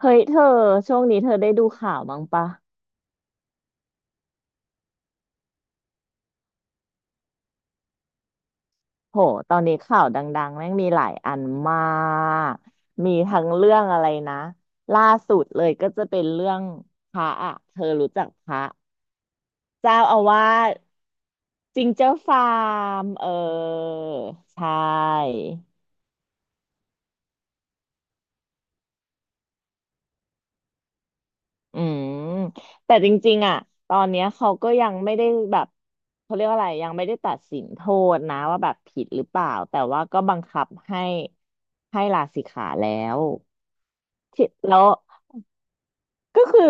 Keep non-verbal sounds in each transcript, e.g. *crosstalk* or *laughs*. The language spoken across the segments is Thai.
เฮ้ยเธอช่วงนี้เธอได้ดูข่าวบ้างปะโหตอนนี้ข่าวดังๆแม่งมีหลายอันมากมีทั้งเรื่องอะไรนะล่าสุดเลยก็จะเป็นเรื่องพระอะเธอรู้จักพระเจ้าอาวาสจิงเจ้าฟาร์มใช่ อืมแต่จริงๆอ่ะตอนเนี้ยเขาก็ยังไม่ได้แบบเขาเรียกว่าอะไรยังไม่ได้ตัดสินโทษนะว่าแบบผิดหรือเปล่าแต่ว่าก็บังคับให้ลาสิกขาแล้วที่แล้ว ก็คือ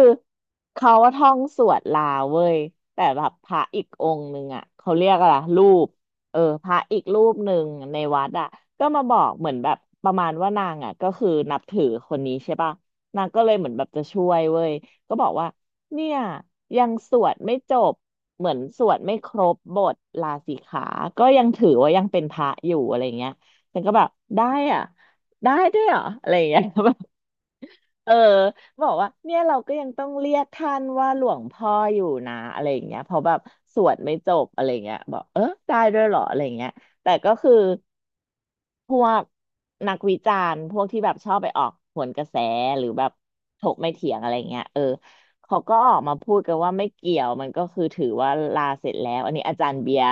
เขาว่าท่องสวดลาเว้ยแต่แบบพระอีกองค์หนึ่งอ่ะเขาเรียกอะไรรูปพระอีกรูปหนึ่งในวัดอ่ะก็มาบอกเหมือนแบบประมาณว่านางอ่ะก็คือนับถือคนนี้ใช่ป่ะนางก็เลยเหมือนแบบจะช่วยเว้ยก็บอกว่าเนี่ยยังสวดไม่จบเหมือนสวดไม่ครบบทลาสิกขาก็ยังถือว่ายังเป็นพระอยู่อะไรเงี้ยฉันก็แบบได้อ่ะได้ด้วยเหรออะไรเงี้ย *laughs* เออบอกว่าเนี่ยเราก็ยังต้องเรียกท่านว่าหลวงพ่ออยู่นะอะไรอย่างเงี้ยเพราะแบบสวดไม่จบอะไรอย่างเงี้ยบอกได้ด้วยเหรออะไรอย่างเงี้ยแต่ก็คือพวกนักวิจารณ์พวกที่แบบชอบไปออกหวนกระแสหรือแบบถกไม่เถียงอะไรเงี้ยเขาก็ออกมาพูดกันว่าไม่เกี่ยวมันก็คือถือว่าลาเสร็จแล้วอันนี้อาจารย์เบียร์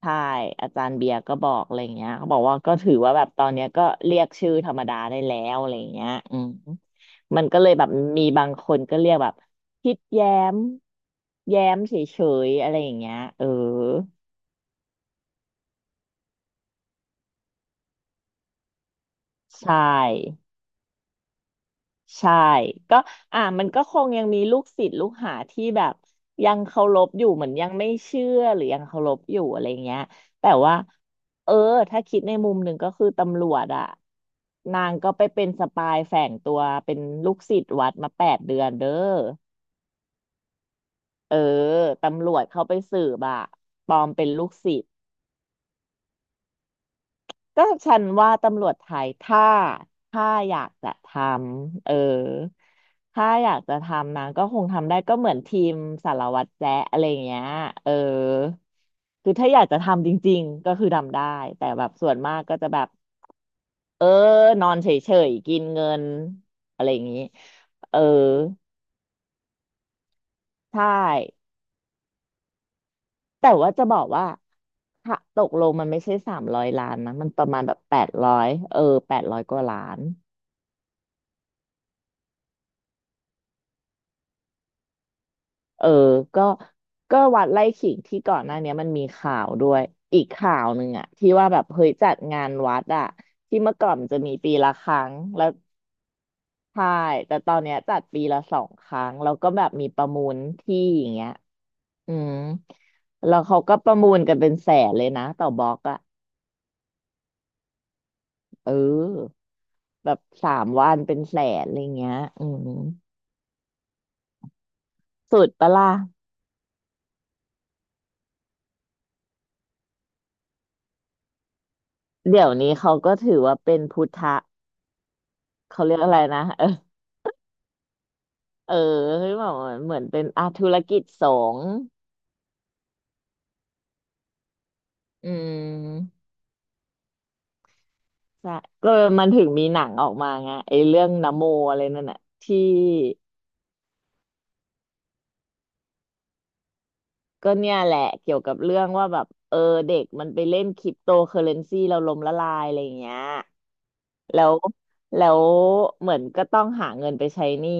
ใช่อาจารย์เบียร์ก็บอกอะไรเงี้ยเขาบอกว่าก็ถือว่าแบบตอนเนี้ยก็เรียกชื่อธรรมดาได้แล้วอะไรเงี้ยมันก็เลยแบบมีบางคนก็เรียกแบบคิดแย้มแย้มเฉยๆอะไรอย่างเงี้ยใช่ ใช่ก็อ่ามันก็คงยังมีลูกศิษย์ลูกหาที่แบบยังเคารพอยู่เหมือนยังไม่เชื่อหรือยังเคารพอยู่อะไรเงี้ยแต่ว่าเออถ้าคิดในมุมหนึ่งก็คือตำรวจอะนางก็ไปเป็นสปายแฝงตัวเป็นลูกศิษย์วัดมา8 เดือนเด้อเออตำรวจเข้าไปสืบอะปลอมเป็นลูกศิษย์ ก็ฉันว่าตำรวจไทยถ้าอยากจะทำถ้าอยากจะทำนะก็คงทำได้ก็เหมือนทีมสารวัตรแจ๊ะอะไรอย่างเงี้ยเออคือถ้าอยากจะทำจริงๆก็คือทำได้แต่แบบส่วนมากก็จะแบบเออนอนเฉยๆกินเงินอะไรอย่างงี้เออใช่แต่ว่าจะบอกว่าถ้าตกลงมันไม่ใช่300 ล้านนะมันประมาณแบบแปดร้อย800 กว่าล้าน เออก็ก็วัดไร่ขิงที่ก่อนหน้าเนี้ยมันมีข่าวด้วย อีกข่าวหนึ่งอะที่ว่าแบบเฮ้ยจัดงานวัดอะที่เมื่อก่อนมันจะมีปีละ 1 ครั้งแล้วใช่แต่ตอนเนี้ยจัดปีละ 2 ครั้งแล้วก็แบบมีประมูลที่อย่างเงี้ยอืมแล้วเขาก็ประมูลกันเป็นแสนเลยนะต่อบล็อกอะเออแบบ3 วันเป็นแสนอะไรเงี้ยสุดปะล่ะเดี๋ยวนี้เขาก็ถือว่าเป็นพุทธะเขาเรียกอะไรนะ *laughs* เออคือแบบเหมือนเป็นอาธุรกิจสงฆ์อืมใช่ก็มันถึงมีหนังออกมาไงไอ้เรื่องนะโมอะไรนั่นน่ะที่ก็เนี่ยแหละเกี่ยวกับเรื่องว่าแบบเด็กมันไปเล่นคริปโตเคอเรนซีเราล้มละลายอะไรอย่างเงี้ยแล้วแล้วเหมือนก็ต้องหาเงินไปใช้หนี้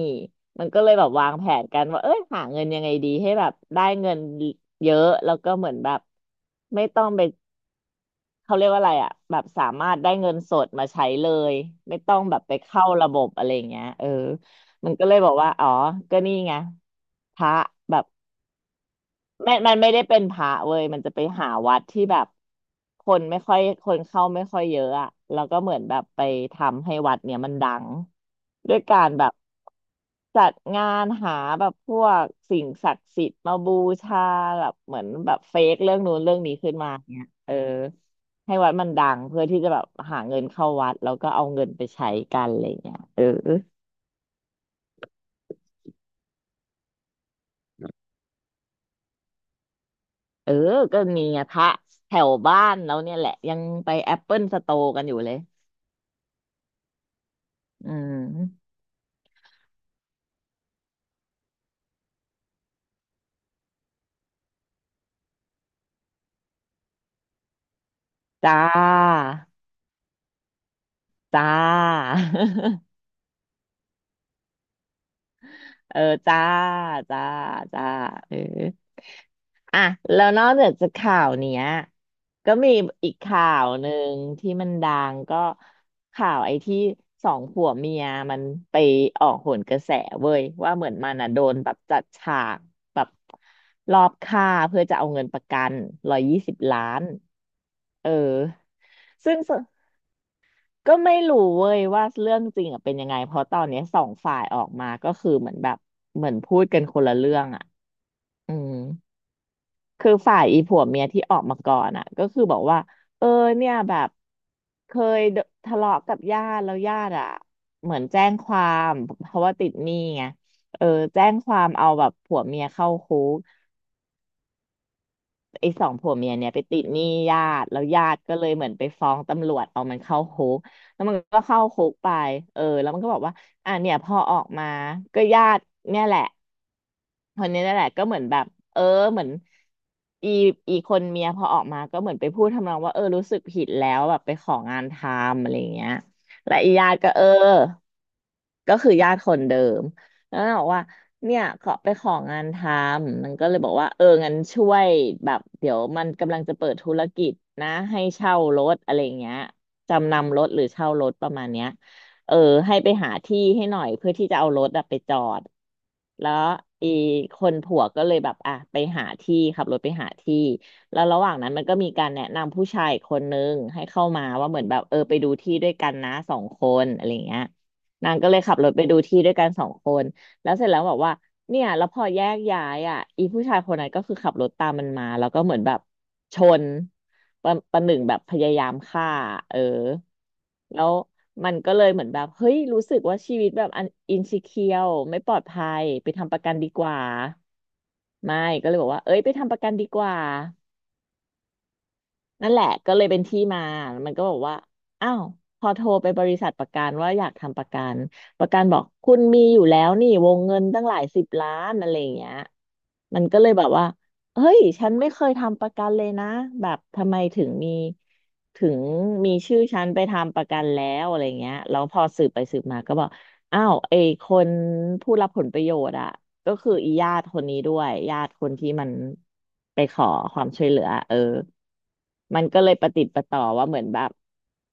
มันก็เลยแบบวางแผนกันว่าเอ้ยหาเงินยังไงดีให้แบบได้เงินเยอะแล้วก็เหมือนแบบไม่ต้องไป เขาเรียกว่าอะไรอ่ะแบบสามารถได้เงินสดมาใช้เลยไม่ต้องแบบไปเข้าระบบอะไรอย่างเงี้ยมันก็เลยบอกว่าอ๋อก็นี่ไงพระแบบ ไม่มันไม่ได้เป็นพระเว้ยมันจะไปหาวัดที่แบบคนไม่ค่อยคนเข้าไม่ค่อยเยอะอะแล้วก็เหมือนแบบไปทำให้วัดเนี่ยมันดังด้วยการแบบจัดงานหาแบบพวกสิ่งศักดิ์สิทธิ์มาบูชาแบบเหมือนแบบเฟกเรื่องนู้นเรื่องนี้ขึ้นมาเนี่ยให้วัดมันดังเพื่อที่จะแบบหาเงินเข้าวัดแล้วก็เอาเงินไปใช้กันอะไรเงี้ยเออก็มีไงพระแถวบ้านแล้วเนี่ยแหละยังไปแอปเปิลสโตร์กันอยู่เลย อืมจ้าจ้า *laughs* เออจ้าจ้าจ้าเอออ่ะแล้วนอกจากข่าวเนี้ยก็มีอีกข่าวหนึ่งที่มันดังก็ข่าวไอ้ที่สองผัวเมียมันไปออกโหนกระแสเว้ยว่าเหมือนมันอ่ะโดนแบบจัดฉากแบบรอบฆ่าเพื่อจะเอาเงินประกัน120 ล้านเออซึ่ง ก็ไม่รู้เว้ยว่าเรื่องจริงอะเป็นยังไงเพราะตอนเนี้ยสองฝ่ายออกมาก็คือเหมือนแบบเหมือนพูดกันคนละเรื่องอ่ะอืมคือฝ่ายอีผัวเมียที่ออกมาก่อนอ่ะก็คือบอกว่าเออเนี่ยแบบเคยโดทะเลาะกับญาติแล้วญาติอ่ะเหมือนแจ้งความเพราะว่าติดหนี้ไงเออแจ้งความเอาแบบผัวเมียเข้าคุก ไอ้สองผัวเมียเนี่ยไปติดหนี้ญาติแล้วญาติก็เลยเหมือนไปฟ้องตำรวจเอามันเข้าคุกแล้วมันก็เข้าคุกไปเออแล้วมันก็บอกว่าอ่ะเนี่ยพอออกมาก็ญาติเนี่ยแหละ คนนี้นั่นแหละก็เหมือนแบบเออเหมือนอีอีคนเมียพอออกมาก็เหมือนไปพูดทำนองว่าเออรู้สึกผิดแล้วแบบไปของานทำอะไรอย่างเงี้ยและอีญาติก็เออก็คือญาติคนเดิมแล้วนางบอกว่าเนี่ยขอไปของานทำมันก็เลยบอกว่าเอองั้นช่วยแบบเดี๋ยวมันกำลังจะเปิดธุรกิจนะให้เช่ารถอะไรอย่างเงี้ยจำนำรถหรือเช่ารถประมาณเนี้ย เออให้ไปหาที่ให้หน่อยเพื่อที่จะเอารถอะไปจอดแล้วอีคนผัวก็เลยแบบอ่ะไปหาที่ขับรถไปหาที่แล้วระหว่างนั้นมันก็มีการแนะนำผู้ชายคนนึงให้เข้ามาว่าเหมือนแบบเออไปดูที่ด้วยกันนะสองคนอะไรอย่างเงี้ยนางก็เลยขับรถไปดูที่ด้วยกันสองคนแล้วเสร็จแล้วบอกว่าเนี่ยแล้วพอแยกย้ายอ่ะอีผู้ชายคนนั้นก็คือขับรถตามมันมาแล้วก็เหมือนแบบชน ประประหนึ่งแบบพยายามฆ่าเออแล้วมันก็เลยเหมือนแบบเฮ้ยรู้สึกว่าชีวิตแบบอันอินซิเคียวไม่ปลอดภัยไปทำประกันดีกว่าไม่ก็เลยบอกว่าเอ้ยไปทำประกันดีกว่า นั่นแหละก็เลยเป็นที่มามันก็บอกว่าอ้าวพอโทรไปบริษัทประกันว่าอยากทำประกันประกันบอกคุณมีอยู่แล้วนี่วงเงินตั้งหลายสิบล้านอะไรอย่างเงี้ยมันก็เลยแบบว่าเฮ้ยฉันไม่เคยทำประกันเลยนะแบบทำไมถึงมีชื่อฉันไปทำประกันแล้วอะไรเงี้ยแล้วพอสืบไปสืบมาก็บอกอ้าวไอ้คนผู้รับผลประโยชน์อะ ก็คืออีญาติคนนี้ด้วยญาติคนที่มันไปขอความช่วยเหลือเออมันก็เลยประติดประต่อว่าเหมือนแบบ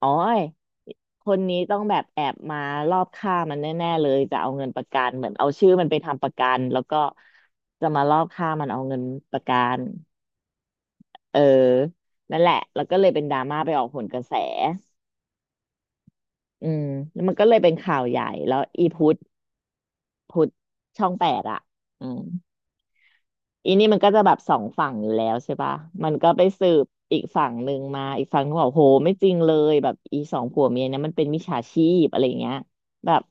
อ๋อยคนนี้ต้องแบบแอบมารอบฆ่ามันแน่ๆเลยจะเอาเงินประกันเหมือนเอาชื่อมันไปทำประกันแล้วก็จะมารอบฆ่ามันเอาเงินประกันเออนั่นแหละแล้วก็เลยเป็นดราม่าไปออกผลกระแสอืมแล้วมันก็เลยเป็นข่าวใหญ่แล้วอีพุทธช่องแปดอ่ะอืม อีนี่มันก็จะแบบสองฝั่งอยู่แล้วใช่ปะ มันก็ไปสืบอีกฝั่งหนึ่งมาอีกฝั่งก็บอกโหไม่จริงเลยแบบอีสองผัวเมียเนี่ยมันเป็นมิจฉาชีพอะไรเงี้ยแบบ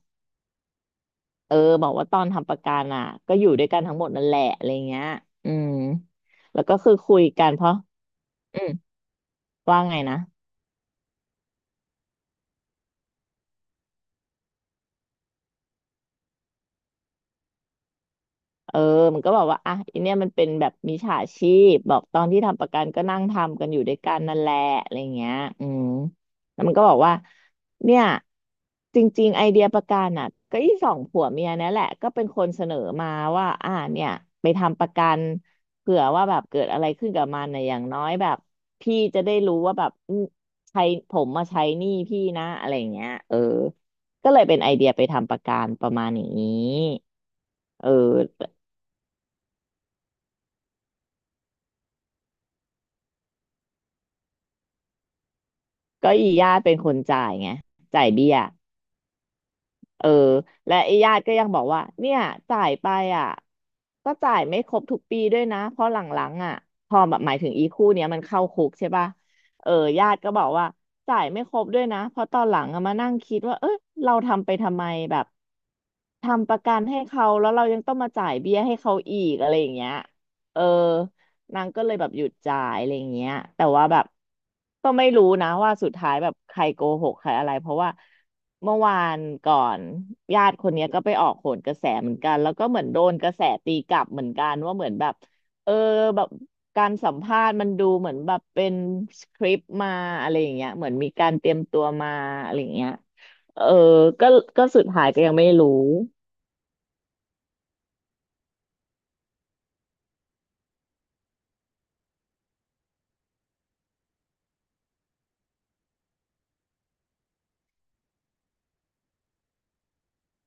เออบอกว่าตอนทำประกันอ่ะก็อยู่ด้วยกันทั้งหมดนั่นแหละอะไรเงี้ยอืมแล้วก็คือคุยกันเพราะอืมว่าไงนะ เออมันก็บอกว่าอ่ะอันเนี้ยมันเป็นแบบมิจฉาชีพบอกตอนที่ทำประกันก็นั่งทำกันอยู่ด้วยกันนั่นแหละอะไรเงี้ยอืมแล้วมันก็บอกว่าเนี่ยจริงๆไอเดียประกันอ่ะก็อีสองผัวเมียเนี่ยแหละ ก็เป็นคนเสนอมาว่าอ่าเนี่ยไปทำประกันเผื่อว่าแบบเกิดอะไรขึ้นกับมันน่ะอย่างน้อยแบบพี่จะได้รู้ว่าแบบอืมใช้ผมมาใช้หนี้พี่นะอะไรเงี้ยเออก็เลยเป็นไอเดียไปทำประกันประมาณอย่างนี้เออ ก็อีญาติเป็นคนจ่ายไงจ่ายเบี้ยเออและไอ้ญาติก็ยังบอกว่าเนี่ยจ่ายไปอ่ะก็จ่ายไม่ครบทุกปีด้วยนะเพราะหลังๆอ่ะพอแบบหมายถึงอีคู่เนี้ยมันเข้าคุกใช่ป่ะเออญาติก็บอกว่าจ่ายไม่ครบด้วยนะเพราะตอนหลังอะมานั่งคิดว่าเออเราทำไปทำไมแบบทำประกันให้เขาแล้วเรายังต้องมาจ่ายเบี้ยให้เขาอีกอะไรอย่างเงี้ยเออ นางก็เลยแบบหยุดจ่ายอะไรอย่างเงี้ยแต่ว่าแบบก็ไม่รู้นะว่าสุดท้ายแบบใครโกหกใครอะไร เพราะว่าเมื่อวานก่อนญาติคนเนี้ยก็ไปออกโหนกระแสเหมือนกัน แล้วก็เหมือนโดนกระแสตีกลับเหมือนกันว่าเหมือนแบบเออแบบการสัมภาษณ์มันดูเหมือนแบบเป็นสคริปต์มาอะไรอย่างเงี้ยเหมือนมีการเตรียมตัวมาอะไรอย่างเงี้ยเออก็ก็สุดท้ายก็ยังไม่รู้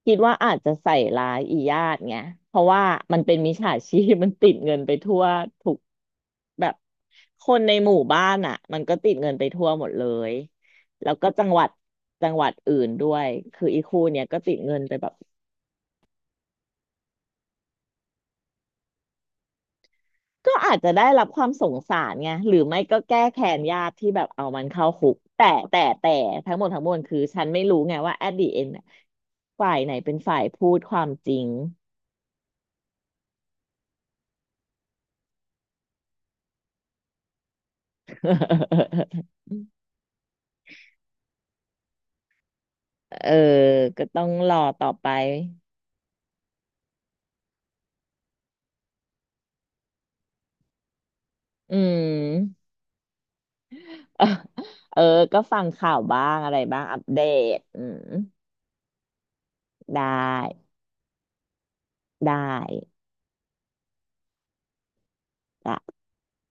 คิดว่าอาจจะใส่ร้ายอีญาติไงเพราะว่ามันเป็นมิจฉาชีพ *laughs* มันติดเงินไปทั่วทุกแบบคนในหมู่บ้านอ่ะมันก็ติดเงินไปทั่วหมดเลยแล้วก็จังหวัดอื่นด้วยคืออีคู่เนี้ยก็ติดเงินไปแบบก็อาจจะได้รับความสงสารไงหรือไม่ก็แก้แค้นญาติที่แบบเอามันเข้าคุกแต่ทั้งหมดทั้งมวลคือฉันไม่รู้ไงว่า at the end อะฝ่ายไหนเป็นฝ่ายพูดความจริง *laughs* เออ ก็ต้องรอต่อไปอืมเออเออ ก็ฟังข่าวบ้างอะไรบ้าง อัปเดตอืมได้ ได้